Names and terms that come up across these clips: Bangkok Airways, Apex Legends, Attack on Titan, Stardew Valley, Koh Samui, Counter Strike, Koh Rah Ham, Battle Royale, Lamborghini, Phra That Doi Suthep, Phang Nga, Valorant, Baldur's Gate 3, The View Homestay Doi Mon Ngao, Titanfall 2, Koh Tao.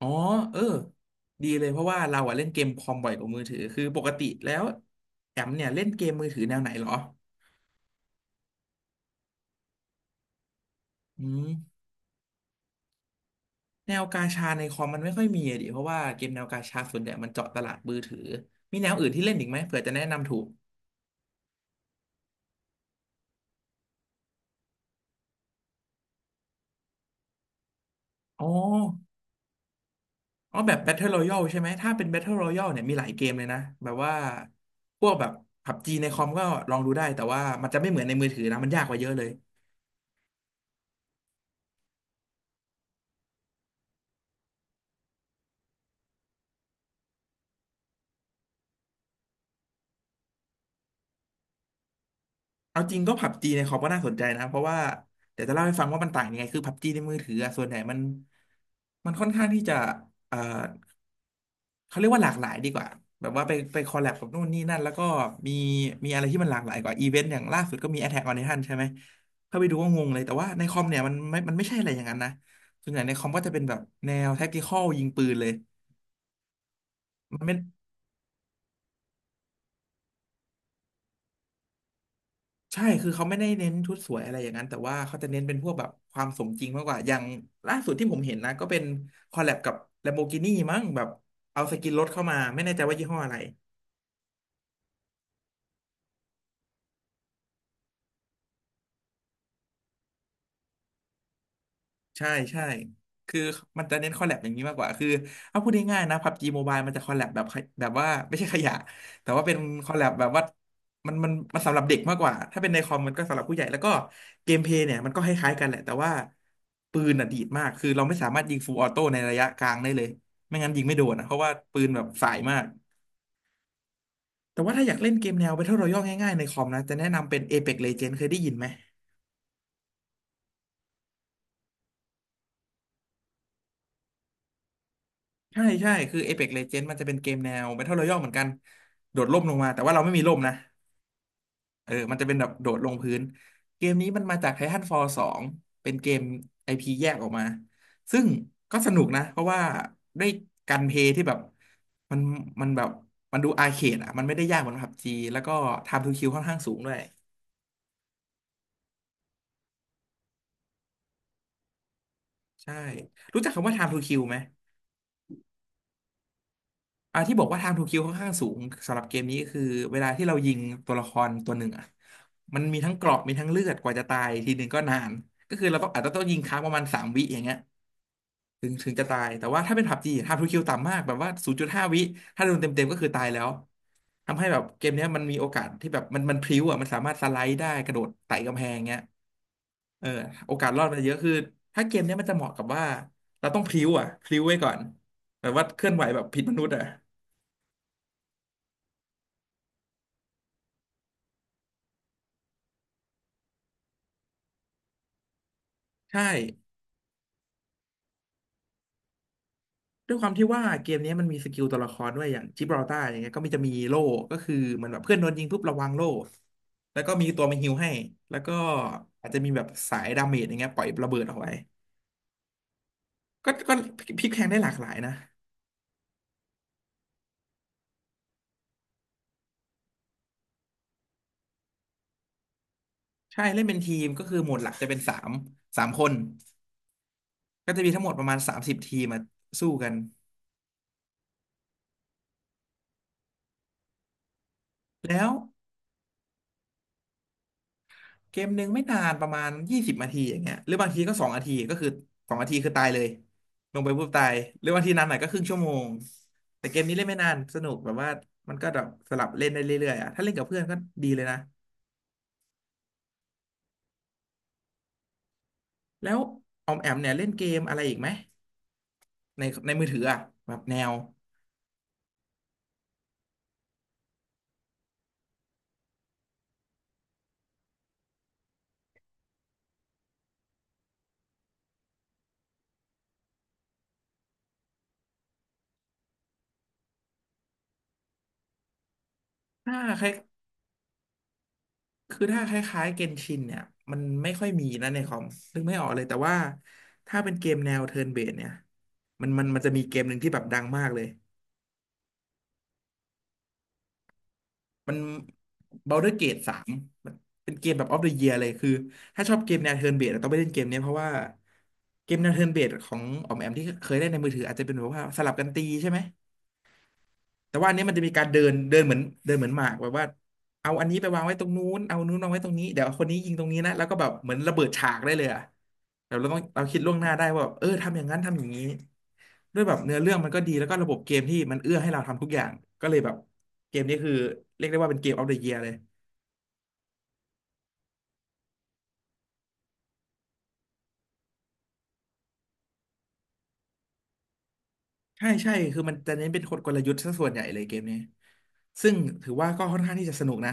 อ๋อเออดีเลยเพราะว่าเราอะเล่นเกมคอมบ่อยกว่ามือถือคือปกติแล้วแอมเนี่ยเล่นเกมมือถือแนวไหนเหรออืมแนวกาชาในคอมมันไม่ค่อยมีอะดิเพราะว่าเกมแนวกาชาส่วนใหญ่มันเจาะตลาดมือถือมีแนวอื่นที่เล่นอีกไหมเผื่อจะแนะนำถูกอ๋ออ๋อแบบ Battle Royale ใช่ไหมถ้าเป็น Battle Royale เนี่ยมีหลายเกมเลยนะแบบว่าพวกแบบพับจีในคอมก็ลองดูได้แต่ว่ามันจะไม่เหมือนในมือถือนะมันยากกว่าเยอะเลย เอาจริงก็ผับจีในคอมก็น่าสนใจนะเพราะว่าเดี๋ยวจะเล่าให้ฟังว่ามันต่างยังไงคือผับจีในมือถืออะส่วนใหญ่มันมันค่อนข้างที่จะเอ่อเขาเรียกว่าหลากหลายดีกว่าแบบว่าไปคอลแลบกับนู่นนี่นั่นแล้วก็มีมีอะไรที่มันหลากหลายกว่าอีเวนต์อย่างล่าสุดก็มี Attack on Titan ใช่ไหมเข้าไปดูก็งงเลยแต่ว่าในคอมเนี่ยมันไม่ใช่อะไรอย่างนั้นนะส่วนใหญ่ในคอมก็จะเป็นแบบแนว tactical ยิงปืนเลยมันไม่ ใช่ คือเขาไม่ได้เน้นชุดสวยอะไรอย่างนั้น แต่ว่าเขาจะเน้นเป็นพวกแบบความสมจริงมากกว่าอย่างล่าสุดที่ผมเห็นนะ ก็เป็นคอลแลบกับ Lamborghini มั้งแบบเอาสกินรถเข้ามา ไม่แน่ใจว่ายี่ห้ออะไร ใช่ใช่คือมันจะเน้นคอลแลบอย่างนี้มากกว่าคือเอาพูดง่ายๆนะพับจีโมบายมันจะคอลแลบแบบขยแบบว่าไม่ใช่ขยะแต่ว่าเป็นคอลแลบแบบว่ามันสำหรับเด็กมากกว่าถ้าเป็นในคอมมันก็สำหรับผู้ใหญ่แล้วก็เกมเพลย์เนี่ยมันก็คล้ายๆกันแหละแต่ว่าปืนอ่ะดีดมากคือเราไม่สามารถยิงฟูลออโต้ในระยะกลางได้เลยไม่งั้นยิงไม่โดนอะเพราะว่าปืนแบบสายมากแต่ว่าถ้าอยากเล่นเกมแนว Battle Royale ง่ายๆในคอมนะจะแนะนำเป็น Apex Legends เคยได้ยินไหม ใช่ใช่คือ Apex Legends มันจะเป็นเกมแนว Battle Royale เหมือนกันโดดร่มลงมาแต่ว่าเราไม่มีร่มนะเออมันจะเป็นแบบโดดลงพื้นเกมนี้มันมาจาก Titanfall 2เป็นเกม IP แยกออกมาซึ่งก็สนุกนะเพราะว่าด้วยการเพลย์ที่แบบมันมันแบบมันดูอาร์เคดอ่ะมันไม่ได้ยากเหมือนพับจีแล้วก็ Time to Kill ค่อนข้างสูงด้วยใช่รู้จักคำว่า Time to Kill ไหม อ่าที่บอกว่าไทางทูคิวค่อนข้างสูงสำหรับเกมนี้คือเวลาที่เรายิงตัวละครตัวหนึ่งอ่ะมันมีทั้งเกราะมีทั้งเลือดกว่าจะตายทีหนึ่งก็นานก็คือเราต้องอาจจะต้องยิงค้างประมาณ3 วิอย่างเงี้ยถึงจะตายแต่ว่าถ้าเป็นผับจีไทางทูคิวต่ำมากแบบว่า0.5 วิถ้าโดนเต็มเก็คือตายแล้วทำให้แบบเกมเนี้ยมันมีโอกาสที่แบบมันพลิ้วอ่ะมันสามารถสไลด์ได้กระโดดไต่กำแพงเงี้ยเออโอกาสรอดมันเยอะคือถ้าเกมเนี้ยมันจะเหมาะกับว่าเราต้องพลิ้วอ่ะพลิ้วไว้ก่อนแบบว่าเคลื่อนไหวแบบผิดมนุษย์อ่ะใช่ ด้วยความที่ว่าเกมนี้มันมีสกิลตัวละครด้วยอย่างจิบราลตาร์อย่างเงี้ยก็มีจะมีโล่ก็คือเหมันแบบเพื่อนโดนยิงปุ๊บระวังโล่แล้วก็มีตัวมาฮีลให้แล้วก็อาจจะมีแบบสายดาเมจอย่างเงี้ยปล่อยระเบิดออกไปก็พลิกแพลงได้หลากหลายนะใช่เล่นเป็นทีมก็คือโหมดหลักจะเป็นสามคนก็จะมีทั้งหมดประมาณ30 ทีมมาสู้กันแล้ว เกมหนึ่งไม่นานประมาณ20 นาทีอย่างเงี้ยหรือบางทีก็สองนาทีก็คือสองนาทีคือตายเลยลงไปปุ๊บตายหรือบางทีนานหน่อยก็ครึ่งชั่วโมงแต่เกมนี้เล่นไม่นานสนุกแบบว่ามันก็แบบสลับเล่นได้เรื่อยๆอ่ะถ้าเล่นกับเพื่อนก็ดีเลยนะแล้วออมแอมเนี่ยเล่นเกมอะไรอีกไหมในมือถืออ่ะแบบแนวถ้าคล้ายคือถ้าคล้ายๆเกนชินเนี่ยมันไม่ค่อยมีนะในคอมนึกไม่ออกเลยแต่ว่าถ้าเป็นเกมแนวเทิร์นเบสเนี่ยมันจะมีเกมหนึ่งที่แบบดังมากเลย มัน Baldur's Gate สามมันเป็นเกมแบบ of the year เลยคือถ้าชอบเกมแนว turn based ต้องไปเล่นเกมเนี้ยเพราะว่าเกมแนว turn based ของออมแอมที่เคยเล่นในมือถืออาจจะเป็นแบบว่าสลับกันตีใช่ไหมแต่ว่าอันนี้มันจะมีการเดินเดินเหมือนเดินเหมือนหมากแบบว่าเอาอันนี้ไปวางไว้ตรงนู้นเอานู้นวางไว้ตรงนี้ เดี๋ยวคนนี้ยิงตรงนี้นะ แล้วก็แบบเหมือนระเบิดฉากได้เลยอะแบบเราคิดล่วงหน้าได้ว่าแบบเออทำอย่างนั้นทำอย่างนี้ด้วยแบบเนื้อเรื่องมันก็ดีแล้วก็ระบบเกมที่มันเอื้อให้เราทำทุกอย่างก็เลยแบบเกมนี้คือเรียกได้ว่าเป็นเกมออฟเดอะเยียร์เลย ใช่ใช่คือมันจะเน้นเป็นกลยุทธ์ซะส่วนใหญ่เลยเกมนี้ซึ่งถือว่าก็ค่อนข้างที่จะสนุกนะ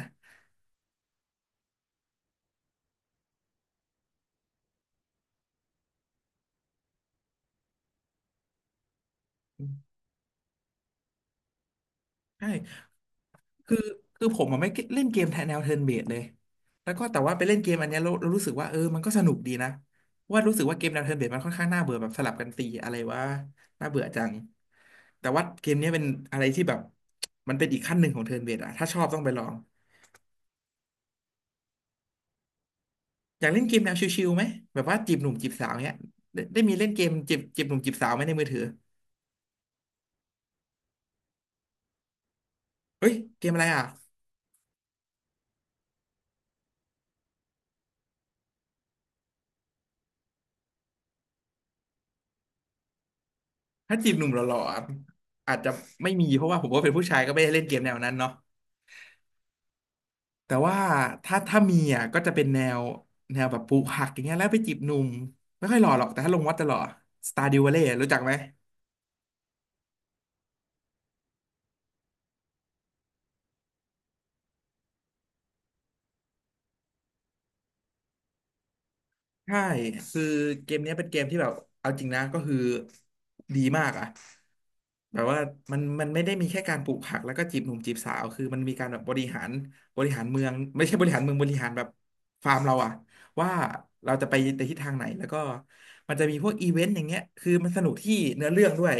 ใช่คือคือผมอะไม่เล่นเกมแทนแนวเทิร์นเบสเลยแล้วก็แต่ว่าไปเล่นเกมอันเนี้ยเรารู้สึกว่าเออมันก็สนุกดีนะว่ารู้สึกว่าเกมแนวเทิร์นเบสมันค่อนข้างน่าเบื่อแบบสลับกันตีอะไรวะน่าเบื่อจังแต่ว่าเกมเนี้ยเป็นอะไรที่แบบมันเป็นอีกขั้นหนึ่งของเทิร์นเบสอะถ้าชอบต้องไปลองอยากเล่นเกมแนวชิวๆไหมแบบว่าจีบหนุ่มจีบสาวเนี้ยได้ได้มีเล่นเกมจีบหนุ่มจีบสาวไหมในมือถือเฮ้ยเกมอะไรอ่ะ ถ้าจีบหนุ่มหล่อๆอะอาจจะไม่มีเพราะว่าผมก็เป็นผู้ชายก็ไม่ได้เล่นเกมแนวนั้นเนาะแต่ว่าถ้ามีอ่ะก็จะเป็นแนวแบบปลูกผักอย่างเงี้ยแล้วไปจีบหนุ่มไม่ค่อยหล่อหรอกแต่ถ้าลงวัดจะหล่อ a r d e w ดิวเล่รู้จักไหมใช่คือเกมเนี้ยเป็นเกมที่แบบเอาจริงนะก็คือดีมากอ่ะแบบว่ามันไม่ได้มีแค่การปลูกผักแล้วก็จีบหนุ่มจีบสาวคือมันมีการแบบบริหารบริหารเมืองไม่ใช่บริหารเมืองบริหารแบบฟาร์มเราอ่ะ ว่าเราจะไปในทิศทางไหนแล้วก็มันจะมีพวกอีเวนต์อย่างเงี้ยคือมันสนุกที่เนื้อเรื่องด้วย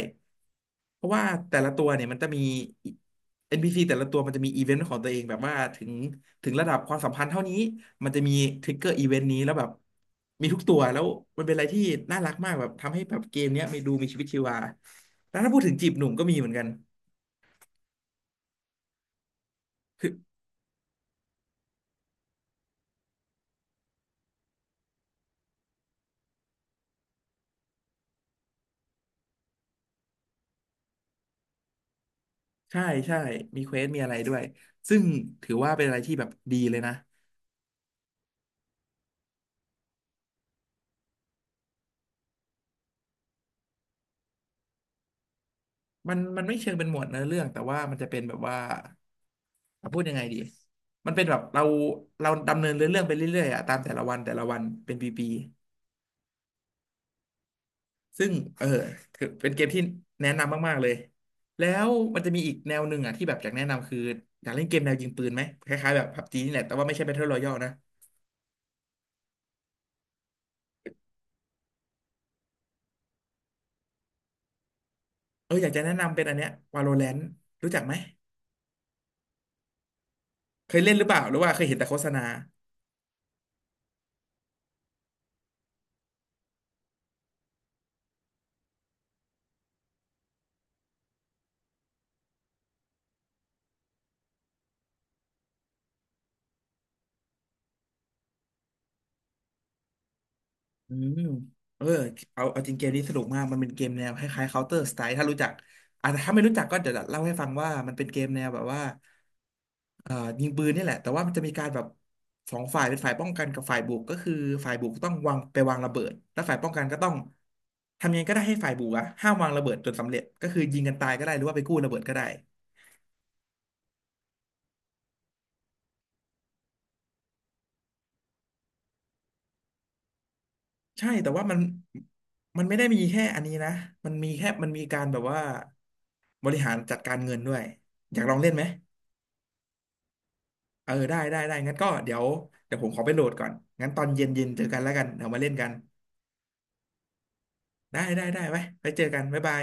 เพราะว่าแต่ละตัวเนี่ยมันจะมี NPC แต่ละตัวมันจะมีอีเวนต์ของตัวเองแบบว่าถึงระดับความสัมพันธ์เท่านี้มันจะมีทริกเกอร์อีเวนต์นี้แล้วแบบมีทุกตัวแล้วมันเป็นอะไรที่น่ารักมากแบบทำให้แบบเกมเนี้ยมีดูมีชีวิตชีวาแล้วถ้าพูดถึงจีบหนุ่มก็มีเหมือนกันคือใช่ใช่มีเควสมีอะไรด้วยซึ่งถือว่าเป็นอะไรที่แบบดีเลยนะ มันไม่เชิงเป็นหมวดเนื้อเรื่องแต่ว่ามันจะเป็นแบบว่าอ่ะพูดยังไงดีมันเป็นแบบเราดำเนินเรื่องไปเรื่อยๆอ่ะตามแต่ละวันแต่ละวันเป็นปีๆซึ่งเออคือเป็นเกมที่แนะนำมากๆเลยแล้วมันจะมีอีกแนวหนึ่งอ่ะที่แบบอยากแนะนำคืออยากเล่นเกมแนวยิงปืนไหมคล้ายๆแบบ PUBG นี่แหละแต่ว่าไม่ใช่ Battle Royale นะเอออยากจะแนะนำเป็นอันเนี้ย Valorant รู้จักไหมเคยเล่นหรือเปล่าหรือว่าเคยเห็นแต่โฆษณา อืมเออเอาจริงเกมนี้สนุกมากมันเป็นเกมแนวคล้ายๆ Counter Strike ถ้ารู้จักอ่ะแต่ถ้าไม่รู้จักก็เดี๋ยวเล่าให้ฟังว่ามันเป็นเกมแนวแบบว่าเอ่อยิงปืนนี่แหละแต่ว่ามันจะมีการแบบสองฝ่ายเป็นฝ่ายป้องกันกับฝ่ายบุกก็คือฝ่ายบุกต้องวางไปวางระเบิดแล้วฝ่ายป้องกันก็ต้องทำยังไงก็ได้ให้ฝ่ายบุกอะห้ามวางระเบิดจนสำเร็จก็คือยิงกันตายก็ได้หรือว่าไปกู้ระเบิดก็ได้ใช่แต่ว่ามันไม่ได้มีแค่อันนี้นะมันมีการแบบว่าบริหารจัดการเงินด้วยอยากลองเล่นไหม เออได้งั้นก็เดี๋ยวผมขอไปโหลดก่อนงั้นตอนเย็นเจอกันแล้วกันเดี๋ยวมาเล่นกันได้ไว้ไปเจอกันบ๊ายบาย